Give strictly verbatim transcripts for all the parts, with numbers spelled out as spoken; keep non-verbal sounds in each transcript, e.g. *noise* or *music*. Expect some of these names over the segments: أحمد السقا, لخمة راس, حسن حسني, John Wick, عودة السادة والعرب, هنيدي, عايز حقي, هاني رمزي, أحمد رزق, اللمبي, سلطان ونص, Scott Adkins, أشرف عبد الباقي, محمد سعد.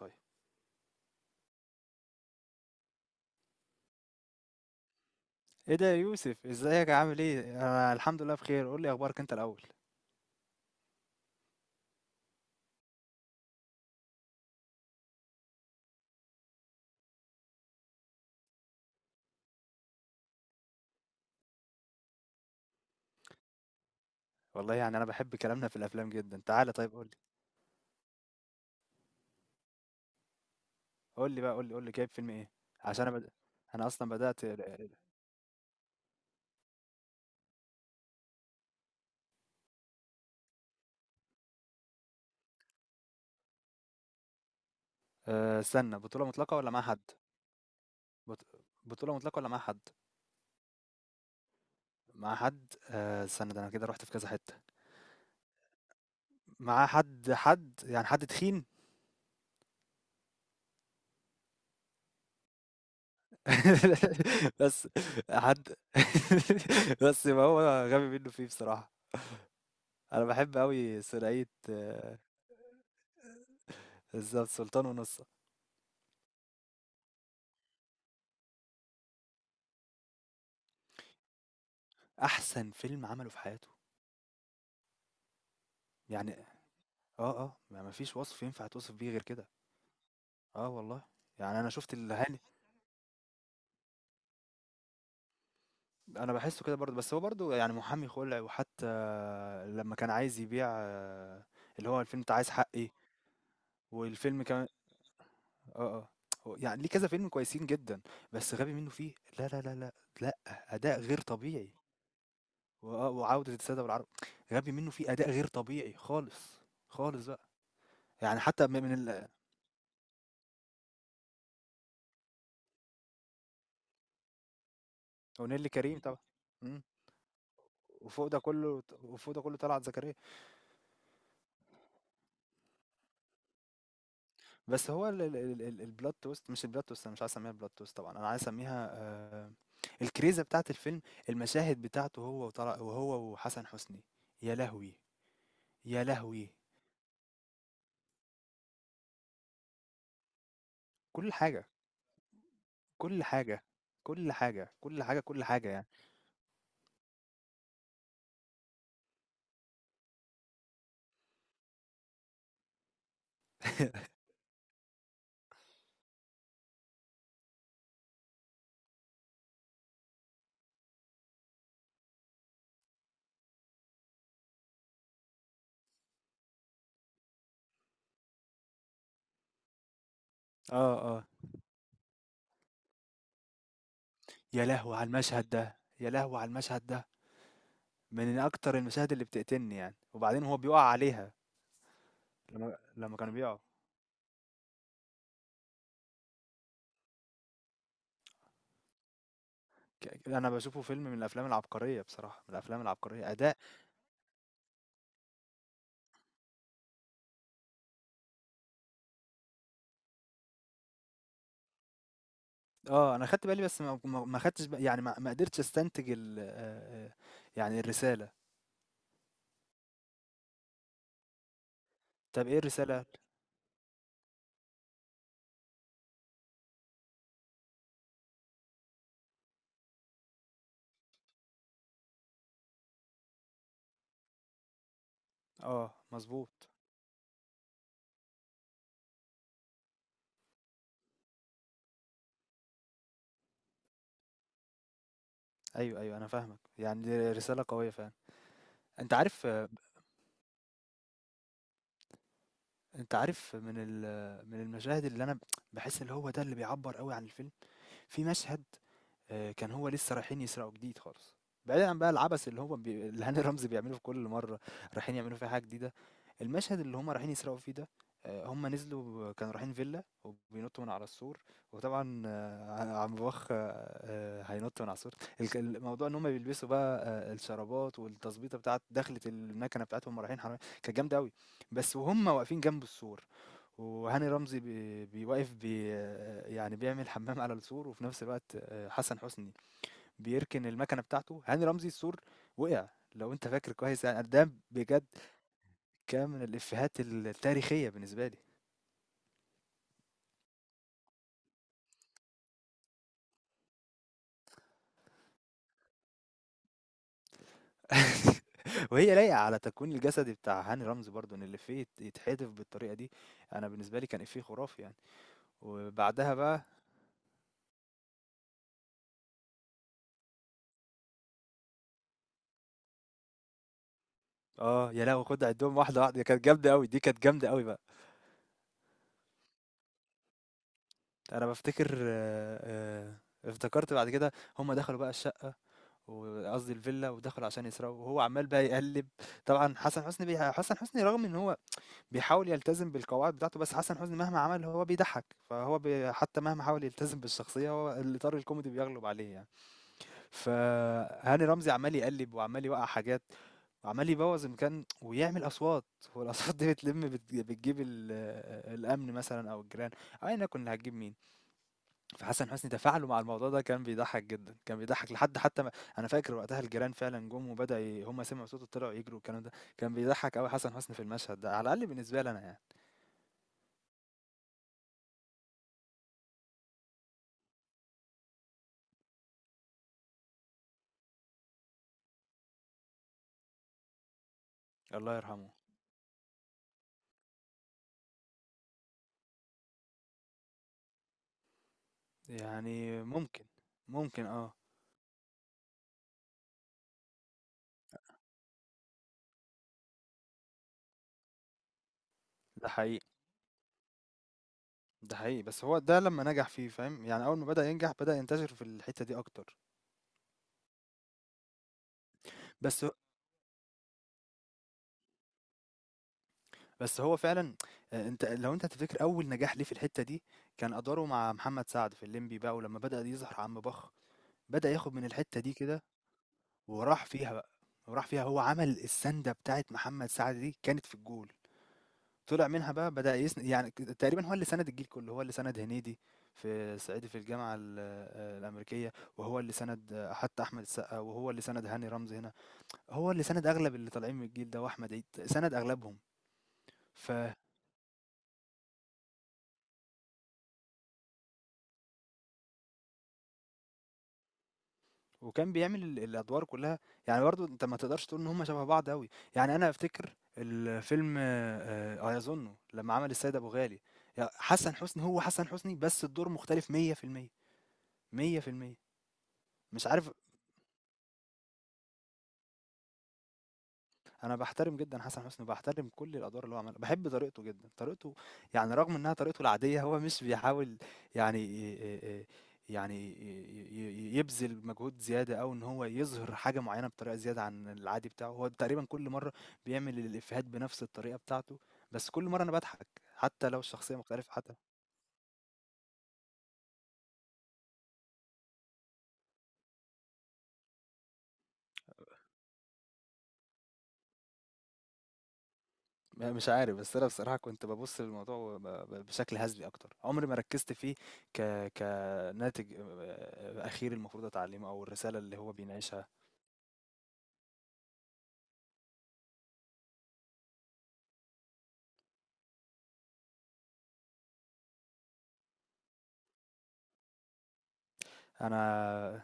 طيب. ايه ده يا يوسف، ازيك؟ عامل ايه؟ انا الحمد لله بخير. قول لي اخبارك انت الاول. والله يعني انا بحب كلامنا في الافلام جدا، تعالى طيب قول لي قول لي بقى، قول لي قول لي جايب فيلم ايه؟ عشان انا بد... انا اصلا بدأت. أه استنى، بطولة مطلقة ولا مع حد؟ بط... بطولة مطلقة ولا مع حد؟ مع حد؟ أه استنى، ده انا كده رحت في كذا حتة. مع حد، حد يعني حد تخين. *laughs* بس حد. *laughs* بس ما هو غبي منه فيه بصراحة. انا بحب قوي ثنائية آه، بالظبط سلطان ونص، أحسن فيلم عمله في حياته. يعني آه، آه، ما ما فيش وصف ينفع توصف بيه غير كده. آه والله. يعني أنا شُفت الهاني، أنا باحسّه كده برضه، بس هو برضه يعني محامي خُلع، وحتى لمّا كان عايز يبيع آه، اللي هو الفيلم بتاع عايز حقّي، والفيلم كمان آه، آه، هو يعني ليه كذا فيلم كويسين جدًا، بس غبي منه فيه. لا، لا، لا، لأ، لأ. أداء غير طبيعي، وآه وعودة السادة والعرب. غبي منه فيه أداء غير طبيعي خالص، خالص بقى. يعني حتى م من ال أغنية لكريم طبعًا. إمم. وفوق ده كله، وفوق ده كله طلعت زكريا. بس هو ال- ال- ال- ال- البلوت توست، مش البلوت توست، انا مش عايز اسميها بلوت توست طبعا، انا عايز اسميها آه، الكريزه بتاعت الفيلم، المشاهد بتاعته هو وطلع وهو وحسن حسني. يا لهوي، يا لهوي. كل حاجه، كل حاجه، كل حاجه، كل حاجه، كل حاجه يعني. *laughs* اه اه. يا لهو على المشهد ده، يا لهو على المشهد ده، من اكتر المشاهد اللي بتقتلني يعني. وبعدين هو بيقع عليها لما لما كانوا بيقعوا. ك أنا باشوفه فيلم من الأفلام العبقرية بصراحة، من الأفلام العبقرية، أداء آه، أنا خدت بالي، بس ما ما ما خدتش ب يعني ما ما قدرتش أستنتج ال آآ، آآ، يعني الرسالة. طَب إيه الرسالة؟ آه، مضبوط. أيوه، أيوه، أنا فاهمك، يعني دي رسالة قوية فعلًا. أنت عارف آه، أنت عارف، من ال من المشاهد اللي أنا باحس اللي هو ده اللي بيعبّر أوي عن الفيلم. في مشهد آه، كان هو لسه رايحين يسرقوا جديد خالص، بعيدا عن بقى العبث اللي هو بي... اللي هاني رمزي بيعمله في كل مره رايحين يعملوا فيها حاجه جديده. المشهد اللي هم رايحين يسرقوا فيه ده آه، هم نزلوا كانوا رايحين فيلا وبينطوا من على السور. وطبعا آه، عم بوخ آه، هينط من على السور. الك- الموضوع ان هم بيلبسوا بقى آه، الشرابات والتظبيطه بتاعت دخلة المكنه بتاعتهم ورايحين حرامية، كانت جامده قوي. بس وهم واقفين جنب السور، وهاني رمزي بي- بيوقف بي يعني بيعمل حمام على السور، وفي نفس الوقت آه، حسن حسني بيركن المكنه بتاعته، هاني رمزي السور وقع. لو انت فاكر كويس يعني، ده بجد كان من الافيهات التاريخيه بالنسبه لي. *laughs* وهي لايقه على تكوين الجسدي بتاع هاني رمزي برضو، ان الافيه يت- يتحذف بالطريقه دي. انا بالنسبه لي كان افيه خرافي يعني. وبعدها بقى اه يا لهوي، خد عدهم واحده واحده، دي كانت جامده قوي، دي كانت جامده قوي بقى. انا بفتكر آه، آه، افتكرت بعد كده هم دخلوا بقى الشقه، وقصدي الفيلا، ودخلوا عشان يسرقوا وهو عمال بقى يقلب. طبعا حسن حسني بي... حسن حسني رغم ان هو بيحاول يلتزم بالقواعد بتاعته، بس حسن حسني مهما عمل هو بيضحك. فهو بي... حتى مهما حاول يلتزم بالشخصيه، هو الاطار الكوميدي بيغلب عليه يعني. فهاني رمزي عمال يقلب وعمال يوقع حاجات، وعمال يبوظ المكان ويعمل اصوات، والاصوات دي بتلم، بت- بتجيب ال- الامن مثلا او الجيران، او ايا يكن اللي هتجيب مين. فحسن حسني تفاعله مع الموضوع ده كان بيضحّك جدًا، كان بيضحّك لحد حتى ما أنا فاكر وقتها الجيران فعلًا جُم وبدأوا ي هُم سمعوا صوته طلعوا يجروا والكلام ده. كان بيضحّك أوي حسن حسني في المشهد ده، على الأقل بالنسبة لي أنا يعني. الله يرحمه. يعني ممكن، ممكن آه، ده حقيقي، ده حقيقي، بس هو ده لمّا نجح فيه فاهم، يعني أول ما بدأ ينجح بدأ ينتشر في الحتّة دي أكتر. بس ه بس هو فعلًا، آآ أنت لو أنت تفتكر أول نجاح ليه في الحتّة دي كان أدواره مع محمد سعد في اللمبي بقى، ولمّا بدأ يظهر عم بخ، بدأ ياخد من الحتّة دي كده وراح فيها بقى. وراح فيها هو، عمل السَنْدة بتاعة محمد سعد دي كانت في الجول، طلع منها بقى، بدأ يسن يعني ك تقريبًا هو اللي سَنَد الجيل كُلّه، هو اللي سَنَد هنيدي في صعيدي في الجامعة ال آآ الأمريكية، وهو اللي سَنَد آه، حتى أحمد السقا، وهو اللي سَنَد هاني رمزي هنا، هو اللي سَنَد أغلب اللي طالعين من الجيل ده وأحمد عيد، سَنَد أغلبهم. ف وكان بيعمل ال الأدوار كلّها. يعني برضه أنت ما تقدرش تقول إن هُم شبه بعض أوي، يعني أنا أفتكر الفيلم آآ أيَظُنُّ لمّا عمل السيد أبو غالي، ي حسن حسني هو حسن حسني، بس الدور مختلف مية في المية، مية في المية. مش عارف. أنا باحترم جدًا حسن حسني، وباحترم كل الأدوار اللي هو عملها، باحب طريقته جدًا، طريقته يعني رغم إنها طريقته العادية، هو مش بيحاول، يعني آآ، آآ، يعني ي ي يبذل مجهود زيادة، أو إن هو يظهر حاجة معيّنة بطريقة زيادة عن العادي بتاعه. هو تقريبًا كل مرّة بيعمل الإفيهات بنفس الطريقة بتاعته، بس كل مرّة أنا باضحك، حتى لو الشخصية مختلفة حتى. م- مش عارف، بس انا بصراحه كنت ببص للموضوع ب- ب- بشكل هزلي اكتر، عمري ما ركزت فيه ك كناتج آه، اخير المفروض اتعلمه او الرساله اللي هو بيناقشها. انا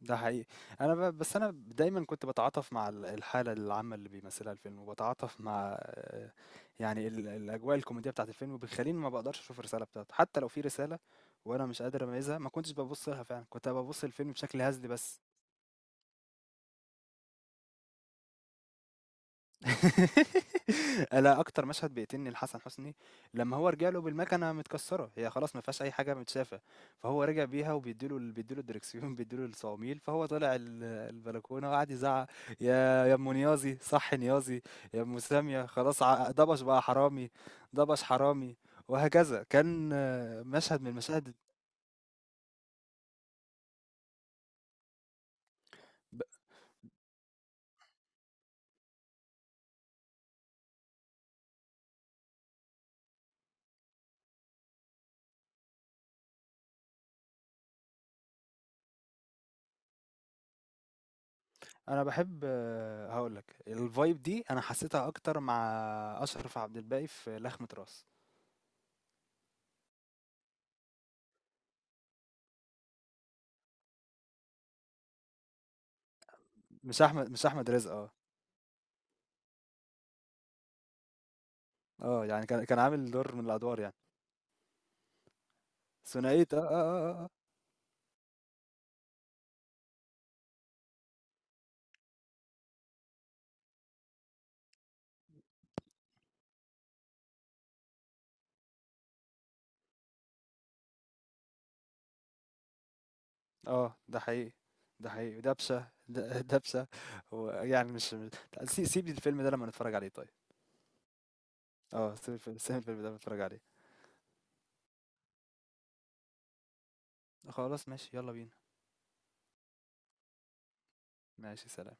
ده حقيقي. انا ب... بس انا دايما كنت بتعاطف مع ال- الحاله العامه اللي بيمثلها الفيلم، وبتعاطف مع آه، يعني ال... الاجواء الكوميديه بتاعت الفيلم، وبيخليني ما بقدرش اشوف الرساله بتاعته، حتى لو في رساله وانا مش قادر اميزها. ما كنتش ببص لها فعلا، كنت ببص للفيلم بشكل هزلي بس. *laughs* أنا أكتر مشهد بيقتلني لحسن حسني لمّا هو رجع له بالمكنة متكسّرة، هي خلاص ما فيهاش أي حاجة متشافة، فهو رجع بيها وبيدّي له ال بيدّي له الدركسيون، بيدّي له *laughs* الصواميل، فهو طلع ال البلكونة وقعد يزعّق: "يا يا أم نيازي، صحّي نيازي، يا أم سامية خلاص، ع دبش بقى حرامي، دبش حرامي." وهكذا. كان آه، مشهد من المشاهد. ب أنا باحب. هاقول لك الvibe دي أنا حسّيتها أكتر مع أشرف عبد الباقي في لخمة راس. مش أحمد مش أحمد رزق آه، آه، يعني كان كان عامل دور من الأدوار يعني. ثنائية آه، آه، آه، آه، آه، آه، ده حقيقي، ده حقيقي. دبشة د *laughs* دبشة. ويعني مش مش- لأ، سي سيب لي الفيلم ده لما نتفرج عليه طيب. آه، سيب الفيلم سيب الفيلم ده لما نتفرج عليه. خلاص ماشي، يالّا بينا. ماشي سلام.